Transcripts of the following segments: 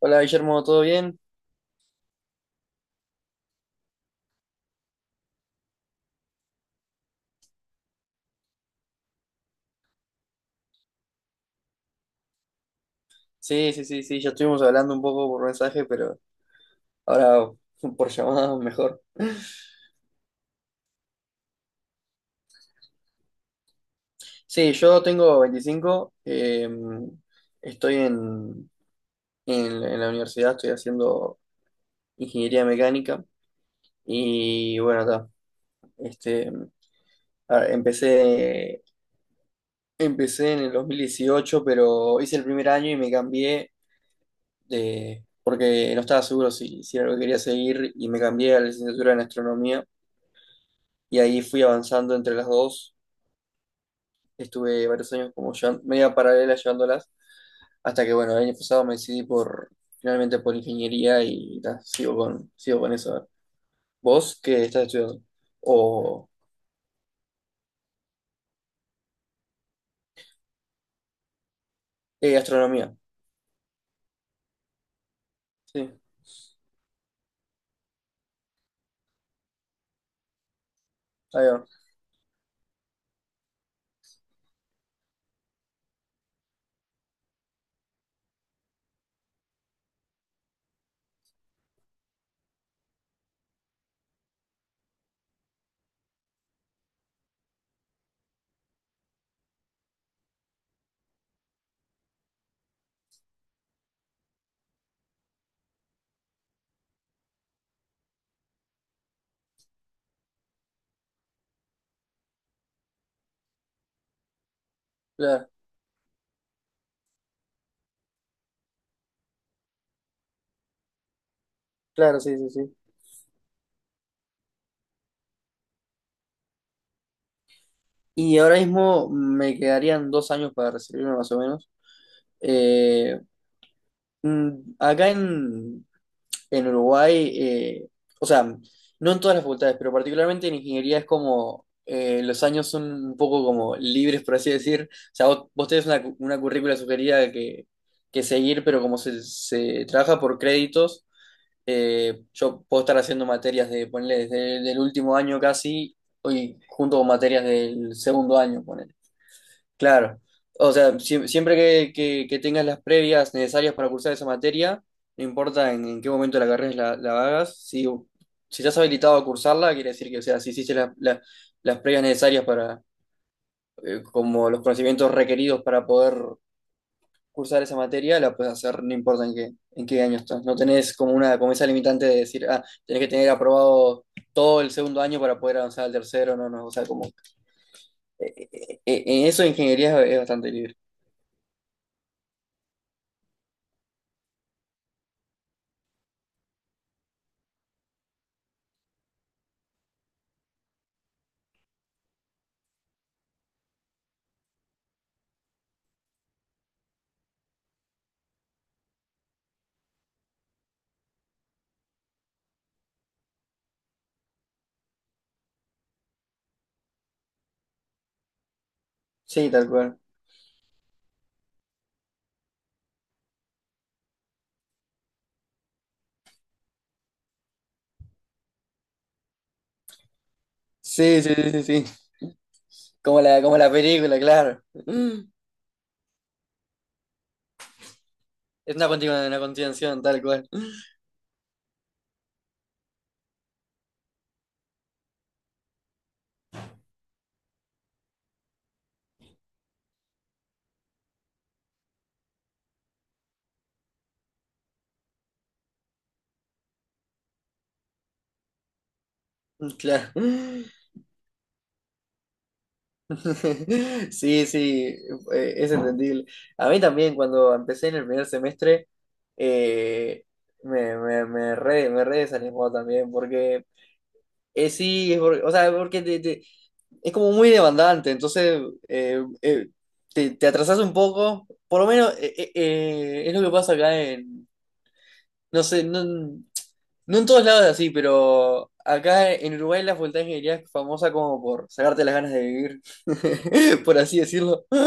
Hola Guillermo, ¿todo bien? Sí, sí, sí, sí, ya estuvimos hablando un poco por mensaje, pero ahora por llamada mejor. Sí, yo tengo 25, estoy en la universidad, estoy haciendo ingeniería mecánica y bueno, ta, este, a- empecé, empecé en el 2018, pero hice el primer año y me cambié de, porque no estaba seguro si era lo que quería seguir y me cambié a la licenciatura en astronomía y ahí fui avanzando entre las dos. Estuve varios años media paralela llevándolas, hasta que bueno, el año pasado me decidí por finalmente por ingeniería y ta, sigo con eso. ¿Vos qué estás estudiando? O astronomía. Sí, ahí va. Claro, claro, sí, sí, sí. Y ahora mismo me quedarían dos años para recibirme más o menos. Eh, acá en Uruguay, o sea, no en todas las facultades, pero particularmente en ingeniería es como los años son un poco como libres, por así decir. O sea, vos tenés una, una currícula sugerida que seguir, pero como se trabaja por créditos, yo puedo estar haciendo materias de, ponle, desde el último año casi, hoy junto con materias del segundo año, ponele. Claro, o sea, siempre que, que tengas las previas necesarias para cursar esa materia, no importa en qué momento de la carrera la hagas, si estás habilitado a cursarla, quiere decir que, o sea, si hiciste las previas necesarias para, como los conocimientos requeridos para poder cursar esa materia, la puedes hacer, no importa en qué año estás. No tenés como una, como esa limitante de decir, ah, tenés que tener aprobado todo el segundo año para poder avanzar al tercero, no, no, o sea, como, en eso ingeniería es bastante libre. Sí, tal cual. Sí, sí, sí, sí, sí. Como la película, claro. Es una continuación, tal cual. Mm, claro. Sí, sí, es entendible. A mí también, cuando empecé en el primer semestre, eh, me re desanimó también, porque sí, o sea, porque es como muy demandante, entonces eh, eh, te, te atrasás un poco, por lo menos es lo que pasa acá en, no sé, no. No en todos lados es así, pero acá en Uruguay la facultad de ingeniería es famosa como por sacarte las ganas de vivir, por así decirlo.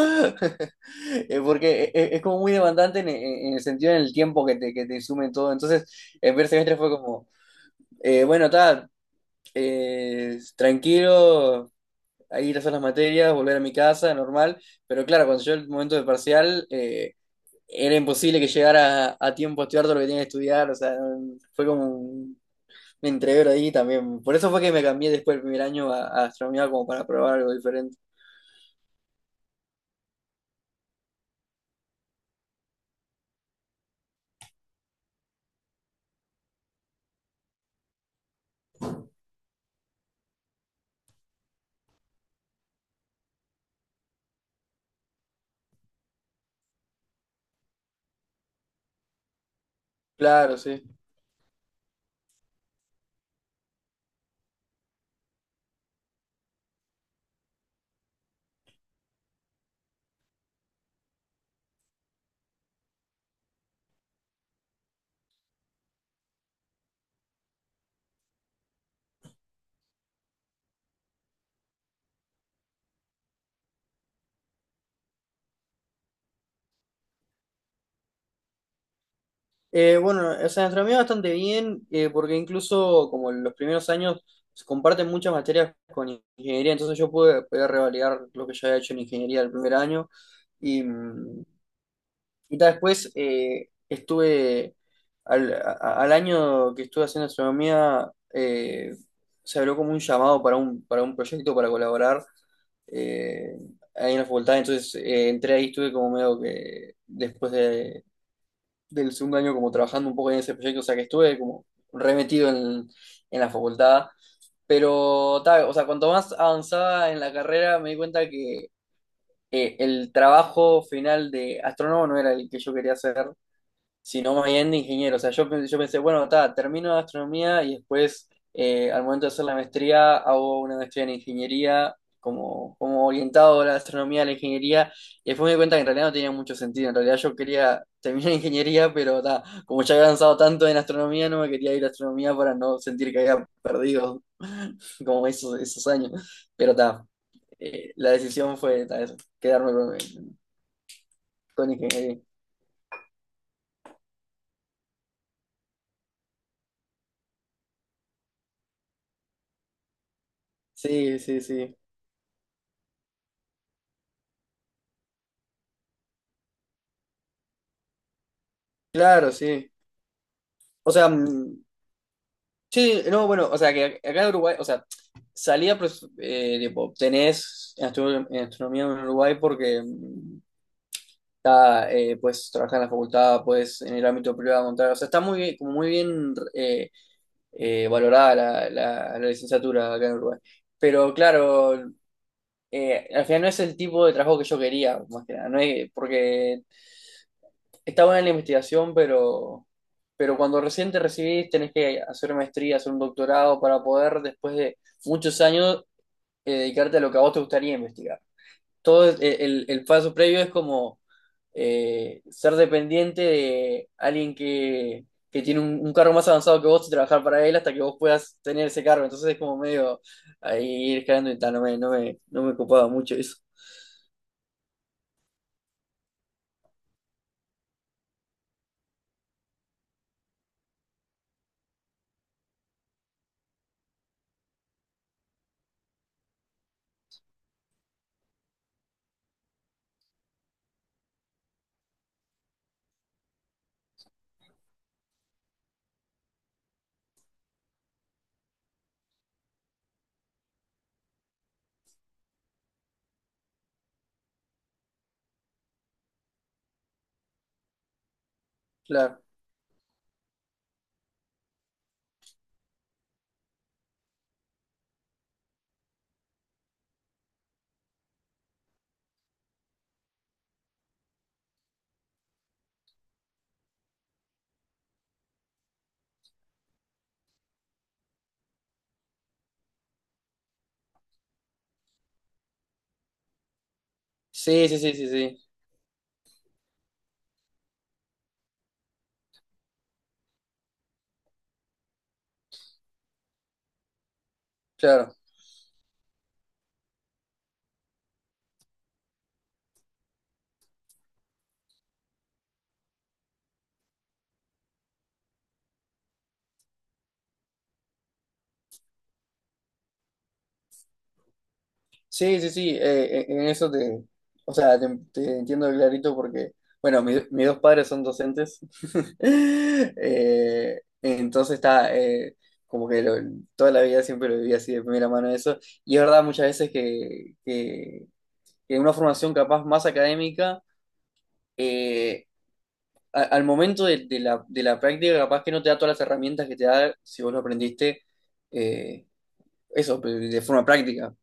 Porque es como muy demandante en, en el sentido en el tiempo que te insume todo. Entonces, el primer semestre fue como, bueno, tal, tranquilo, ahí ir a hacer las materias, volver a mi casa, normal. Pero claro, cuando llegó el momento del parcial, era imposible que llegara a tiempo a estudiar todo lo que tenía que estudiar. O sea, fue como me entregué ahí también. Por eso fue que me cambié después del primer año a astronomía como para probar algo diferente. Claro, sí. Bueno, o sea, astronomía bastante bien, porque incluso como en los primeros años se comparten muchas materias con ingeniería, entonces yo pude revalidar lo que ya había hecho en ingeniería el primer año. Y, mm, y ta, después al año que estuve haciendo astronomía, se habló como un llamado para un proyecto para colaborar. eh, ahí en la facultad, entonces entré ahí, estuve como medio que después de, del segundo año como trabajando un poco en ese proyecto, o sea que estuve como remetido en la facultad, pero ta, o sea, cuanto más avanzaba en la carrera me di cuenta que el trabajo final de astrónomo no era el que yo quería hacer, sino más bien de ingeniero. O sea, yo pensé, bueno, ta, termino astronomía y después, al momento de hacer la maestría, hago una maestría en ingeniería, como orientado a la astronomía, a la ingeniería, y después me di cuenta que en realidad no tenía mucho sentido. En realidad yo quería terminar ingeniería, pero ta, como ya había avanzado tanto en astronomía, no me quería ir a astronomía para no sentir que había perdido como esos, esos años. Pero ta, la decisión fue ta, eso, quedarme con ingeniería. Sí, sí, sí. Claro, sí. O sea, mm, sí, no, bueno, o sea, que acá en Uruguay, o sea, salía, pues, tipo, tenés en en astronomía en Uruguay porque, mm, ah, pues, trabajar en la facultad, pues, en el ámbito privado, montar, o sea, está muy, como muy bien valorada la, la licenciatura acá en Uruguay. Pero, claro, al final no es el tipo de trabajo que yo quería, más que nada, no es porque está buena la investigación, pero cuando recién te recibís tenés que hacer maestría, hacer un doctorado para poder después de muchos años dedicarte a lo que a vos te gustaría investigar. Todo el paso previo es como ser dependiente de alguien que tiene un cargo más avanzado que vos y trabajar para él hasta que vos puedas tener ese cargo. Entonces es como medio ahí ir escalando y tal, no me copaba mucho eso. Claro. Sí, sí, sí, sí, sí. Claro. Sí, sí, sí, en eso te, o sea, te, te entiendo clarito porque, bueno, mis dos padres son docentes, entonces está, como que lo- toda la vida siempre lo viví así de primera mano eso, y es verdad muchas veces que una formación capaz más académica, eh, al momento de la práctica capaz que no te da todas las herramientas que te da si vos lo aprendiste, eh, eso, de forma práctica.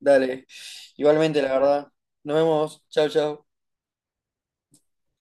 Dale. Igualmente, la verdad. Nos vemos. Chao, chao.